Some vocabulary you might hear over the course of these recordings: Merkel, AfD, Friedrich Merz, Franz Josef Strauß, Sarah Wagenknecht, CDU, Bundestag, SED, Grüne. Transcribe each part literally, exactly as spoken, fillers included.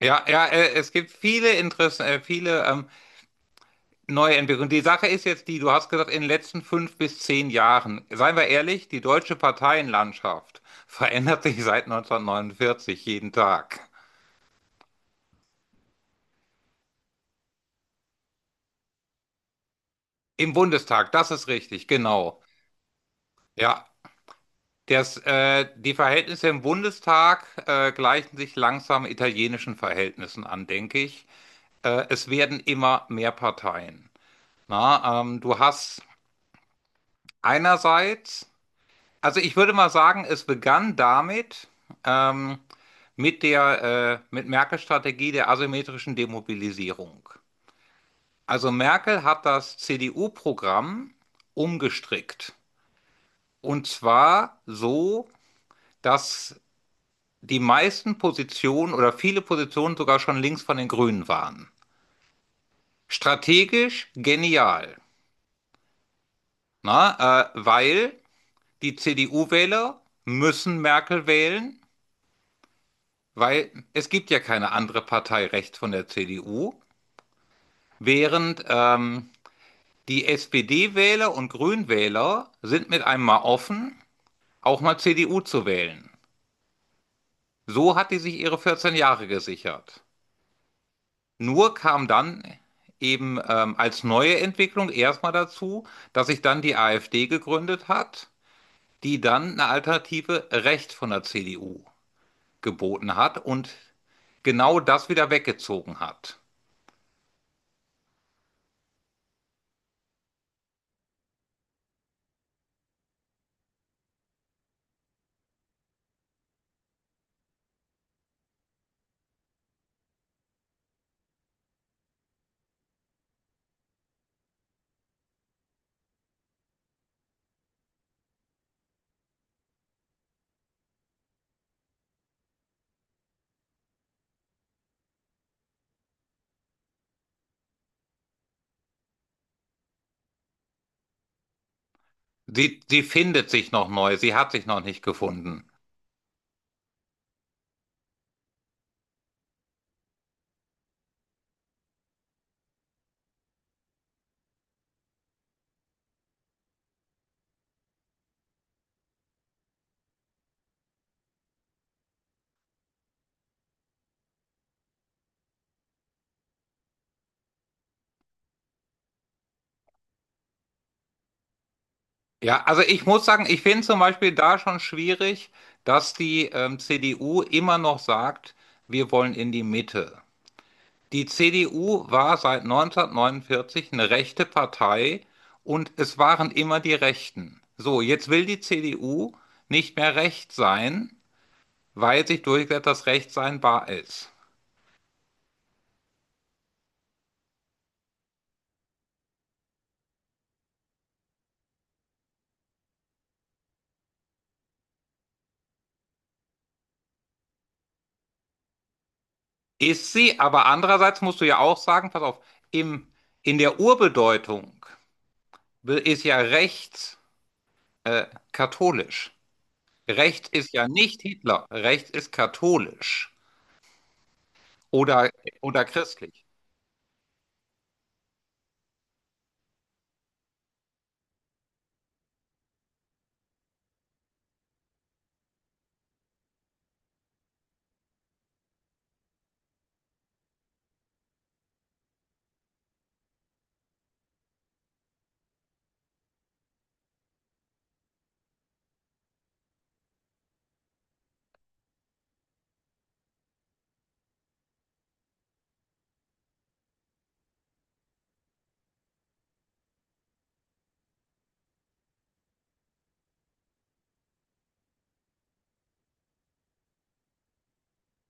Ja, ja, äh, es gibt viele Interessen, äh, viele ähm, neue Entwicklungen. Die Sache ist jetzt die, du hast gesagt, in den letzten fünf bis zehn Jahren, seien wir ehrlich, die deutsche Parteienlandschaft verändert sich seit neunzehnhundertneunundvierzig jeden Tag. Im Bundestag, das ist richtig, genau. Ja, das, äh, die Verhältnisse im Bundestag äh, gleichen sich langsam italienischen Verhältnissen an, denke ich. Äh, es werden immer mehr Parteien. Na, ähm, du hast einerseits. Also ich würde mal sagen, es begann damit, ähm, mit der, äh, mit Merkels Strategie der asymmetrischen Demobilisierung. Also Merkel hat das C D U-Programm umgestrickt. Und zwar so, dass die meisten Positionen oder viele Positionen sogar schon links von den Grünen waren. Strategisch genial, na, äh, weil die C D U-Wähler müssen Merkel wählen. Weil es gibt ja keine andere Partei rechts von der C D U, während ähm, die S P D-Wähler und Grünwähler sind mit einem mal offen, auch mal C D U zu wählen. So hat die sich ihre vierzehn Jahre gesichert. Nur kam dann eben ähm, als neue Entwicklung erstmal dazu, dass sich dann die A f D gegründet hat, die dann eine Alternative rechts von der C D U geboten hat und genau das wieder weggezogen hat. Sie, sie findet sich noch neu, sie hat sich noch nicht gefunden. Ja, also ich muss sagen, ich finde zum Beispiel da schon schwierig, dass die ähm, C D U immer noch sagt, wir wollen in die Mitte. Die C D U war seit neunzehnhundertneunundvierzig eine rechte Partei und es waren immer die Rechten. So, jetzt will die C D U nicht mehr recht sein, weil sich durchgesetzt, dass Recht sein wahr ist. Ist sie, aber andererseits musst du ja auch sagen, pass auf, im, in der Urbedeutung ist ja rechts äh, katholisch. Rechts ist ja nicht Hitler. Rechts ist katholisch oder, oder christlich.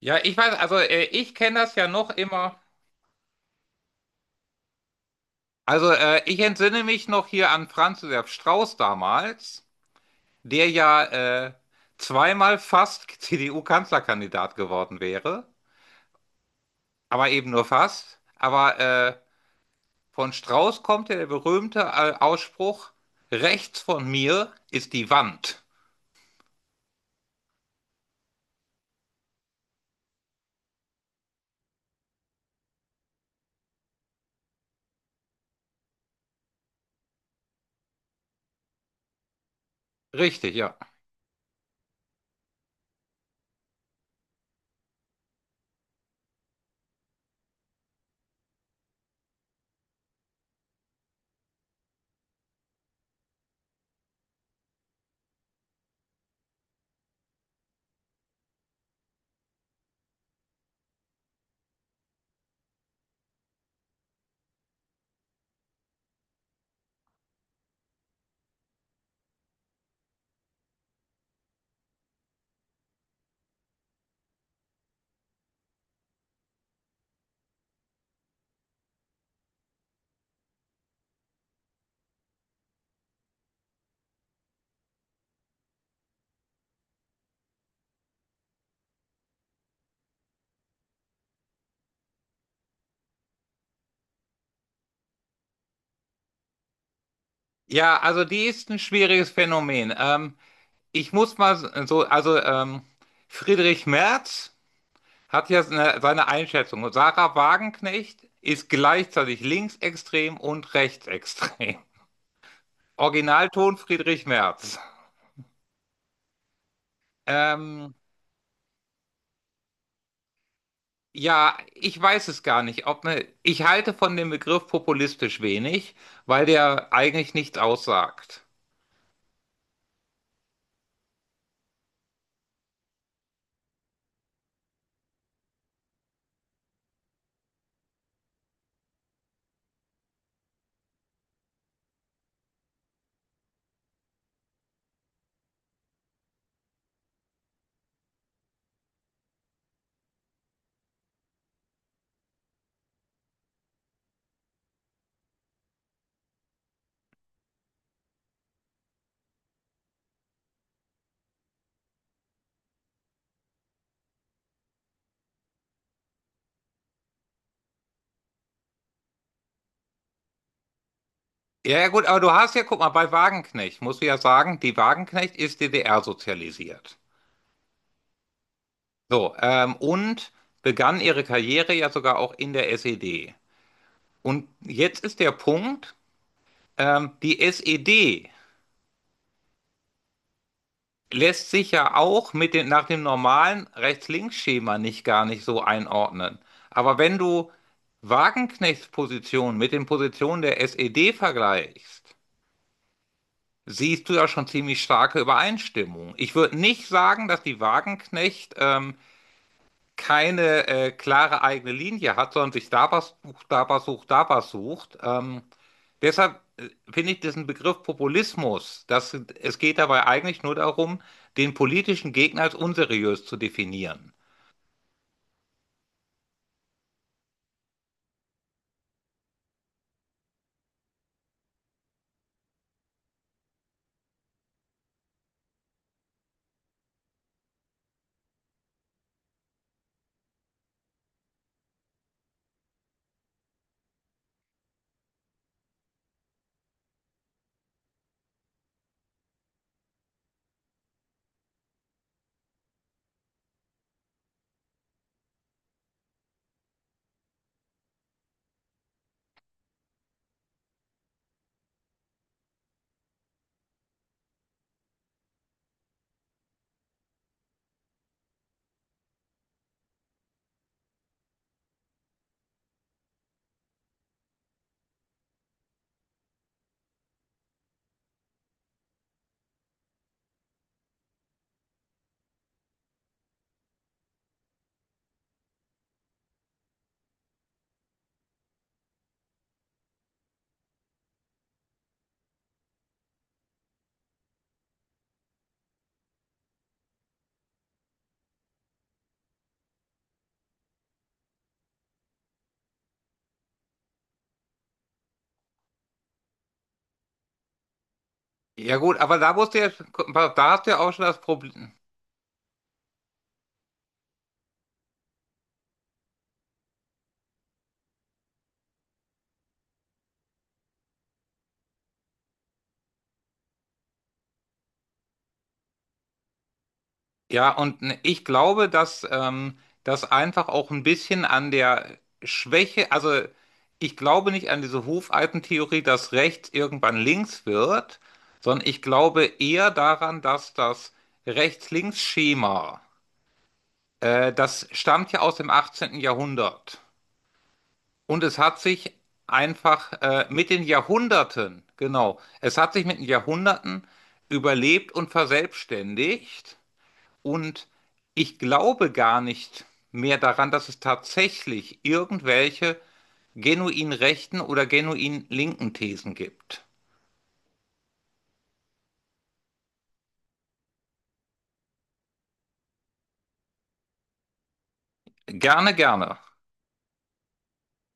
Ja, ich weiß, also äh, ich kenne das ja noch immer. Also äh, ich entsinne mich noch hier an Franz Josef Strauß damals, der ja äh, zweimal fast C D U-Kanzlerkandidat geworden wäre, aber eben nur fast. Aber äh, von Strauß kommt ja der berühmte äh, Ausspruch, rechts von mir ist die Wand. Richtig, ja. Ja, also die ist ein schwieriges Phänomen. Ähm, ich muss mal so, also ähm, Friedrich Merz hat ja seine, seine Einschätzung. Und Sarah Wagenknecht ist gleichzeitig linksextrem und rechtsextrem. Originalton Friedrich Merz. Ähm, ja, ich weiß es gar nicht. Ob ne, ich halte von dem Begriff populistisch wenig, weil der eigentlich nichts aussagt. Ja, ja, gut, aber du hast ja, guck mal, bei Wagenknecht, muss ich ja sagen, die Wagenknecht ist D D R-sozialisiert. So, ähm, und begann ihre Karriere ja sogar auch in der S E D. Und jetzt ist der Punkt, ähm, die S E D lässt sich ja auch mit dem, nach dem normalen Rechts-Links-Schema nicht gar nicht so einordnen. Aber wenn du Wagenknechts Position mit den Positionen der S E D vergleichst, siehst du ja schon ziemlich starke Übereinstimmung. Ich würde nicht sagen, dass die Wagenknecht ähm, keine äh, klare eigene Linie hat, sondern sich da was sucht, da was sucht, da was sucht. Ähm, deshalb äh, finde ich diesen Begriff Populismus, dass es geht dabei eigentlich nur darum, den politischen Gegner als unseriös zu definieren. Ja gut, aber da musst du ja, da hast du ja auch schon das Problem. Ja, und n- ich glaube, dass ähm, das einfach auch ein bisschen an der Schwäche, also ich glaube nicht an diese Hufeisentheorie, dass rechts irgendwann links wird, sondern ich glaube eher daran, dass das Rechts-Links-Schema, äh, das stammt ja aus dem achtzehnten. Jahrhundert. Und es hat sich einfach äh, mit den Jahrhunderten, genau, es hat sich mit den Jahrhunderten überlebt und verselbstständigt. Und ich glaube gar nicht mehr daran, dass es tatsächlich irgendwelche genuin rechten oder genuin linken Thesen gibt. Gerne, gerne.